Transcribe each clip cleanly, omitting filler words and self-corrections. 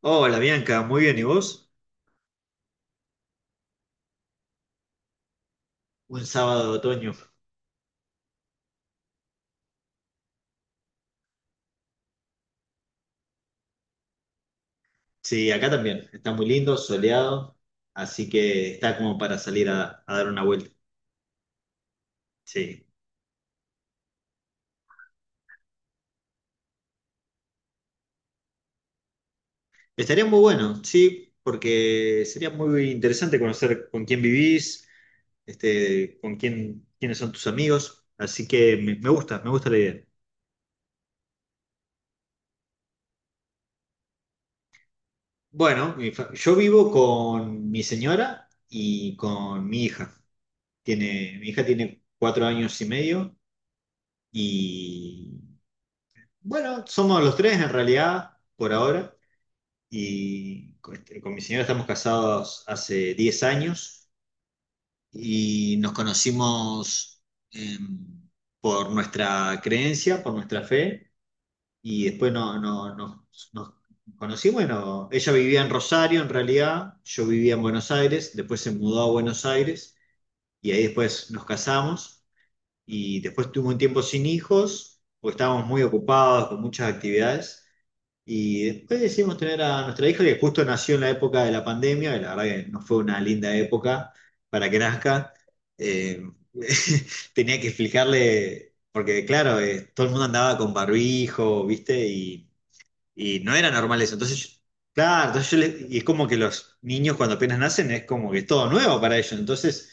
Hola Bianca, muy bien, ¿y vos? Un sábado de otoño. Sí, acá también, está muy lindo, soleado, así que está como para salir a dar una vuelta. Sí, estaría muy bueno, sí, porque sería muy interesante conocer con quién vivís, con quién, quiénes son tus amigos, así que me gusta la idea. Bueno, yo vivo con mi señora y con mi hija. Mi hija tiene 4 años y medio. Y Bueno, somos los tres en realidad, por ahora. Y con mi señora estamos casados hace 10 años y nos conocimos em, por nuestra creencia, por nuestra fe. Y después nos conocimos. Bueno, ella vivía en Rosario en realidad, yo vivía en Buenos Aires, después se mudó a Buenos Aires y ahí después nos casamos. Y después tuve un tiempo sin hijos, porque estábamos muy ocupados con muchas actividades. Y después decidimos tener a nuestra hija que justo nació en la época de la pandemia, y la verdad que no fue una linda época para que nazca. Eh, tenía que explicarle, porque claro, todo el mundo andaba con barbijo, ¿viste? Y no era normal eso. Entonces, claro, entonces y es como que los niños cuando apenas nacen es como que es todo nuevo para ellos. Entonces,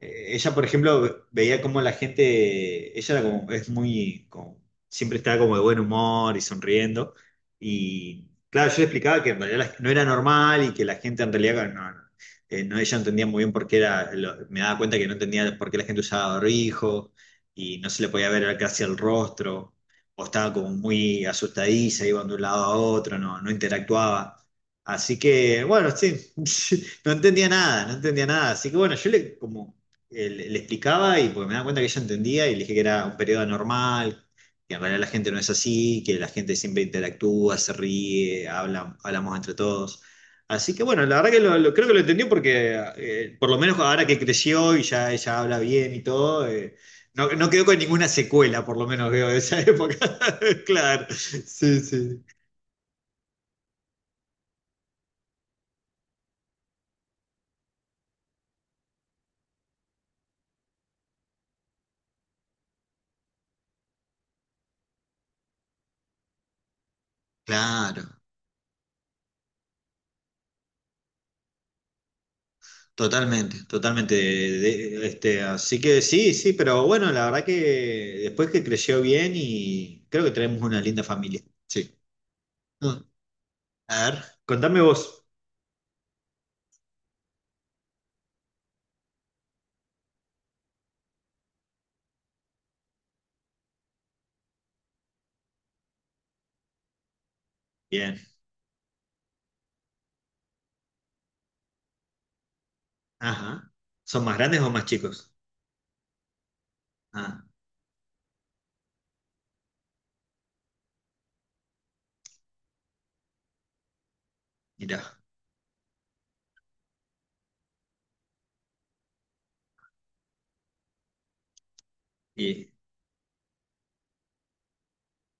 ella, por ejemplo, veía como la gente, ella era como, es muy, siempre estaba como de buen humor y sonriendo. Y claro, yo le explicaba que en realidad no era normal y que la gente en realidad no, ella no entendía muy bien por qué era, me daba cuenta que no entendía por qué la gente usaba barbijo y no se le podía ver casi el rostro, o estaba como muy asustadiza, iba de un lado a otro, no interactuaba. Así que, bueno, sí, no entendía nada, no entendía nada. Así que bueno, yo le como le explicaba y porque me daba cuenta que ella entendía y le dije que era un periodo anormal, que en realidad la gente no es así, que la gente siempre interactúa, se ríe, habla, hablamos entre todos. Así que bueno, la verdad que creo que lo entendió porque por lo menos ahora que creció y ya ella habla bien y todo, no quedó con ninguna secuela, por lo menos veo de esa época. Claro, sí, sí. Claro. Totalmente, totalmente. Así que sí, sí, pero bueno, la verdad que después que creció bien y creo que tenemos una linda familia. Sí. Ah, a ver, contame vos. Bien. Ajá. ¿Son más grandes o más chicos? Ah, mirá. Y,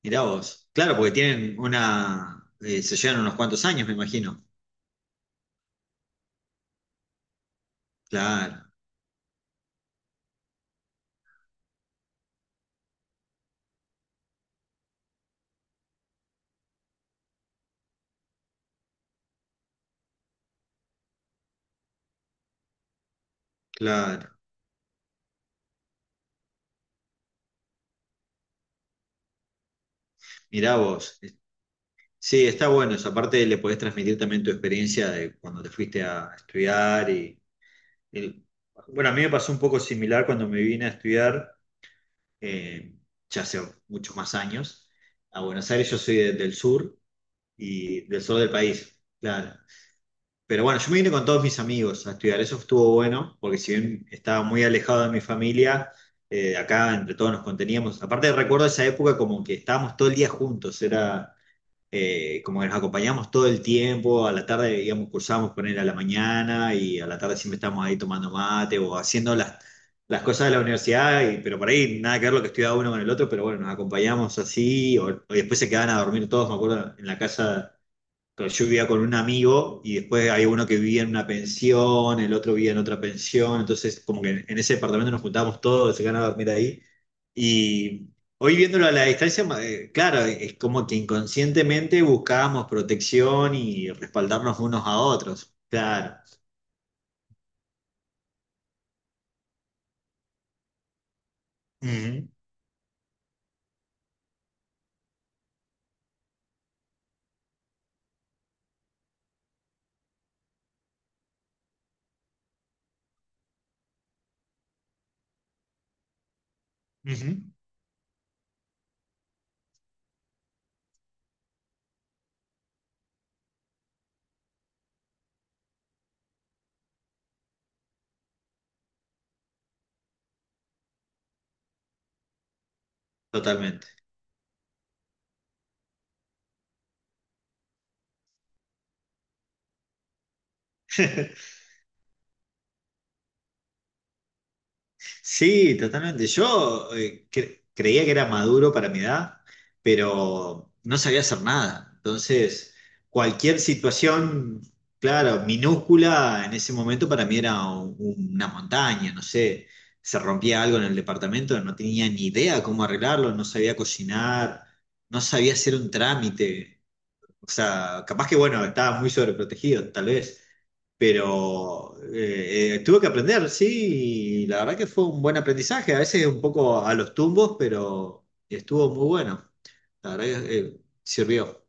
mirá vos. Claro, porque tienen se llevan unos cuantos años, me imagino. Claro, claro. Mirá vos. Sí, está bueno. Esa parte le podés transmitir también tu experiencia de cuando te fuiste a estudiar y el- bueno, a mí me pasó un poco similar cuando me vine a estudiar, eh, ya hace muchos más años, a Buenos Aires. Yo soy del sur y del sur del país, claro. Pero bueno, yo me vine con todos mis amigos a estudiar. Eso estuvo bueno, porque si bien estaba muy alejado de mi familia, acá entre todos nos conteníamos. Aparte recuerdo esa época como que estábamos todo el día juntos, era como que nos acompañamos todo el tiempo, a la tarde, digamos, cursábamos con él a la mañana y a la tarde siempre estábamos ahí tomando mate o haciendo las cosas de la universidad, pero por ahí nada que ver lo que estudiaba uno con el otro, pero bueno, nos acompañamos así, o después se quedaban a dormir todos, me acuerdo, en la casa, pero yo vivía con un amigo y después había uno que vivía en una pensión, el otro vivía en otra pensión, entonces como que en ese departamento nos juntábamos todos, se ganaba dormir ahí. Y hoy viéndolo a la distancia, claro, es como que inconscientemente buscábamos protección y respaldarnos unos a otros, claro. Ujú, ujú. Totalmente. Sí, totalmente. Yo creía que era maduro para mi edad, pero no sabía hacer nada. Entonces, cualquier situación, claro, minúscula en ese momento para mí era una montaña, no sé, se rompía algo en el departamento, no tenía ni idea cómo arreglarlo, no sabía cocinar, no sabía hacer un trámite. O sea, capaz que bueno, estaba muy sobreprotegido, tal vez, pero tuve que aprender, sí, y la verdad que fue un buen aprendizaje, a veces un poco a los tumbos, pero estuvo muy bueno. La verdad que sirvió.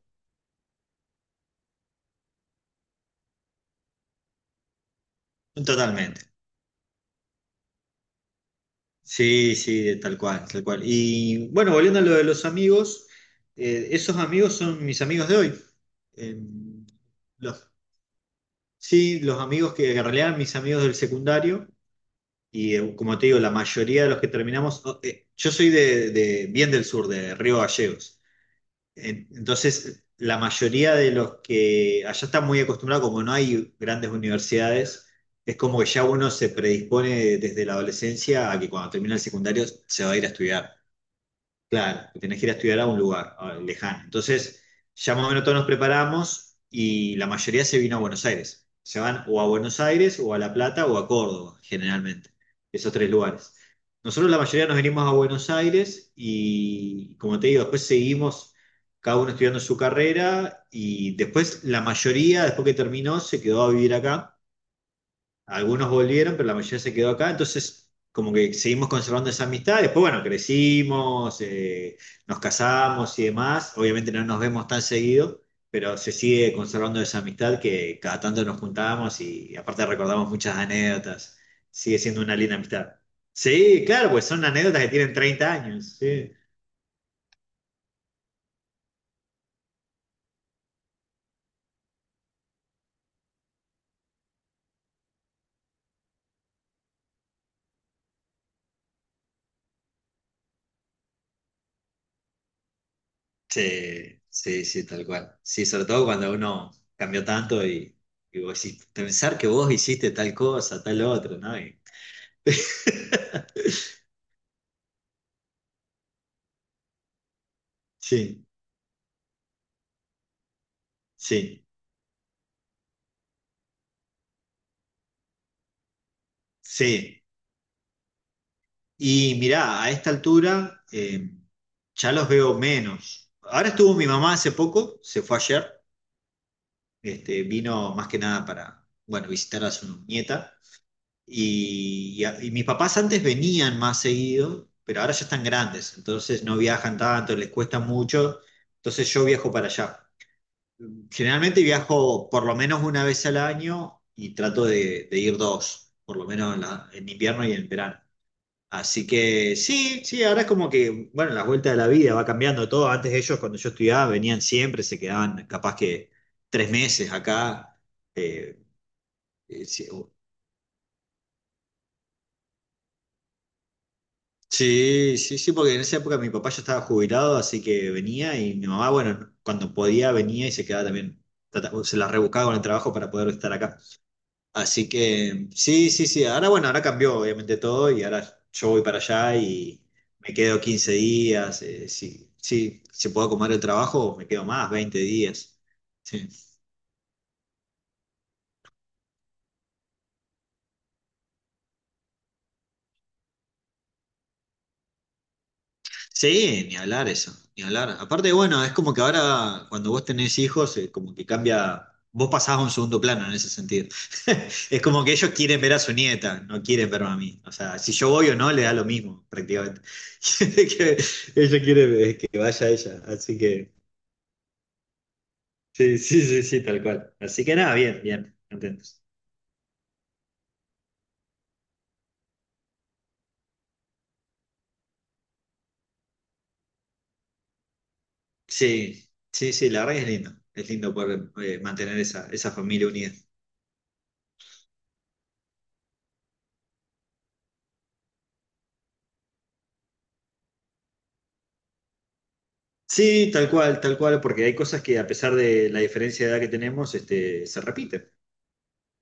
Totalmente. Sí, sí, tal cual, tal cual. Y bueno, volviendo a lo de los amigos, esos amigos son mis amigos de hoy. Em, los, sí, los amigos que en realidad eran mis amigos del secundario. Y como te digo, la mayoría de los que terminamos, yo soy de, bien del sur, de Río Gallegos. Entonces, la mayoría de los que allá están muy acostumbrados, como no hay grandes universidades, es como que ya uno se predispone desde la adolescencia a que cuando termina el secundario se va a ir a estudiar. Claro, tenés que ir a estudiar a un lugar lejano. Entonces, ya más o menos todos nos preparamos y la mayoría se vino a Buenos Aires. Se van o a Buenos Aires o a La Plata o a Córdoba, generalmente, esos tres lugares. Nosotros la mayoría nos venimos a Buenos Aires y, como te digo, después seguimos cada uno estudiando su carrera y después la mayoría, después que terminó, se quedó a vivir acá. Algunos volvieron, pero la mayoría se quedó acá, entonces como que seguimos conservando esa amistad. Después, bueno, crecimos, nos casamos y demás. Obviamente no nos vemos tan seguido, pero se sigue conservando esa amistad que cada tanto nos juntábamos y, aparte recordamos muchas anécdotas. Sigue siendo una linda amistad. Sí, claro, pues son anécdotas que tienen 30 años. Sí, sí, sí, sí, tal cual. Sí, sobre todo cuando uno cambió tanto y vos decís, pensar que vos hiciste tal cosa, tal otro, ¿no? Sí, sí, sí. Y mirá, a esta altura ya los veo menos. Ahora estuvo mi mamá hace poco, se fue ayer, vino más que nada para, bueno, visitar a su nieta. Y mis papás antes venían más seguido, pero ahora ya están grandes, entonces no viajan tanto, les cuesta mucho, entonces yo viajo para allá. Generalmente viajo por lo menos una vez al año y trato de ir dos, por lo menos en invierno y en verano. Así que sí, sí, ahora es como que, bueno, las vueltas de la vida va cambiando todo. Antes ellos, cuando yo estudiaba, venían siempre, se quedaban capaz que 3 meses acá. eh, sí, sí, sí, sí, porque en esa época mi papá ya estaba jubilado, así que venía y mi mamá, bueno, cuando podía venía y se quedaba también. Se la rebuscaba con el trabajo para poder estar acá. Así que sí, sí, sí. Ahora bueno, ahora cambió obviamente todo y ahora yo voy para allá y me quedo 15 días. Sí, sí, si puedo comer el trabajo, me quedo más, 20 días. Sí. Sí, ni hablar eso, ni hablar. Aparte, bueno, es como que ahora cuando vos tenés hijos, como que cambia, vos pasás a un segundo plano en ese sentido. Es como que ellos quieren ver a su nieta, no quieren verme a mí. O sea, si yo voy o no, le da lo mismo, prácticamente. Que Ella quiere que vaya ella, así que... Sí, sí, sí, sí, tal cual. Así que nada, bien, bien, contentos. Sí, sí, sí, la verdad que es lindo. Es lindo poder mantener esa, familia unida. Sí, tal cual, porque hay cosas que a pesar de la diferencia de edad que tenemos, se repiten.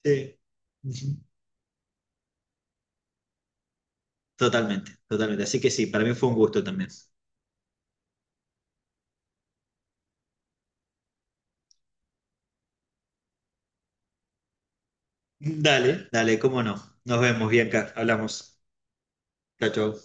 Sí. Ujú. Totalmente, totalmente. Así que sí, para mí fue un gusto también. Dale, dale, cómo no. Nos vemos, Bianca, hablamos. Chao, chao.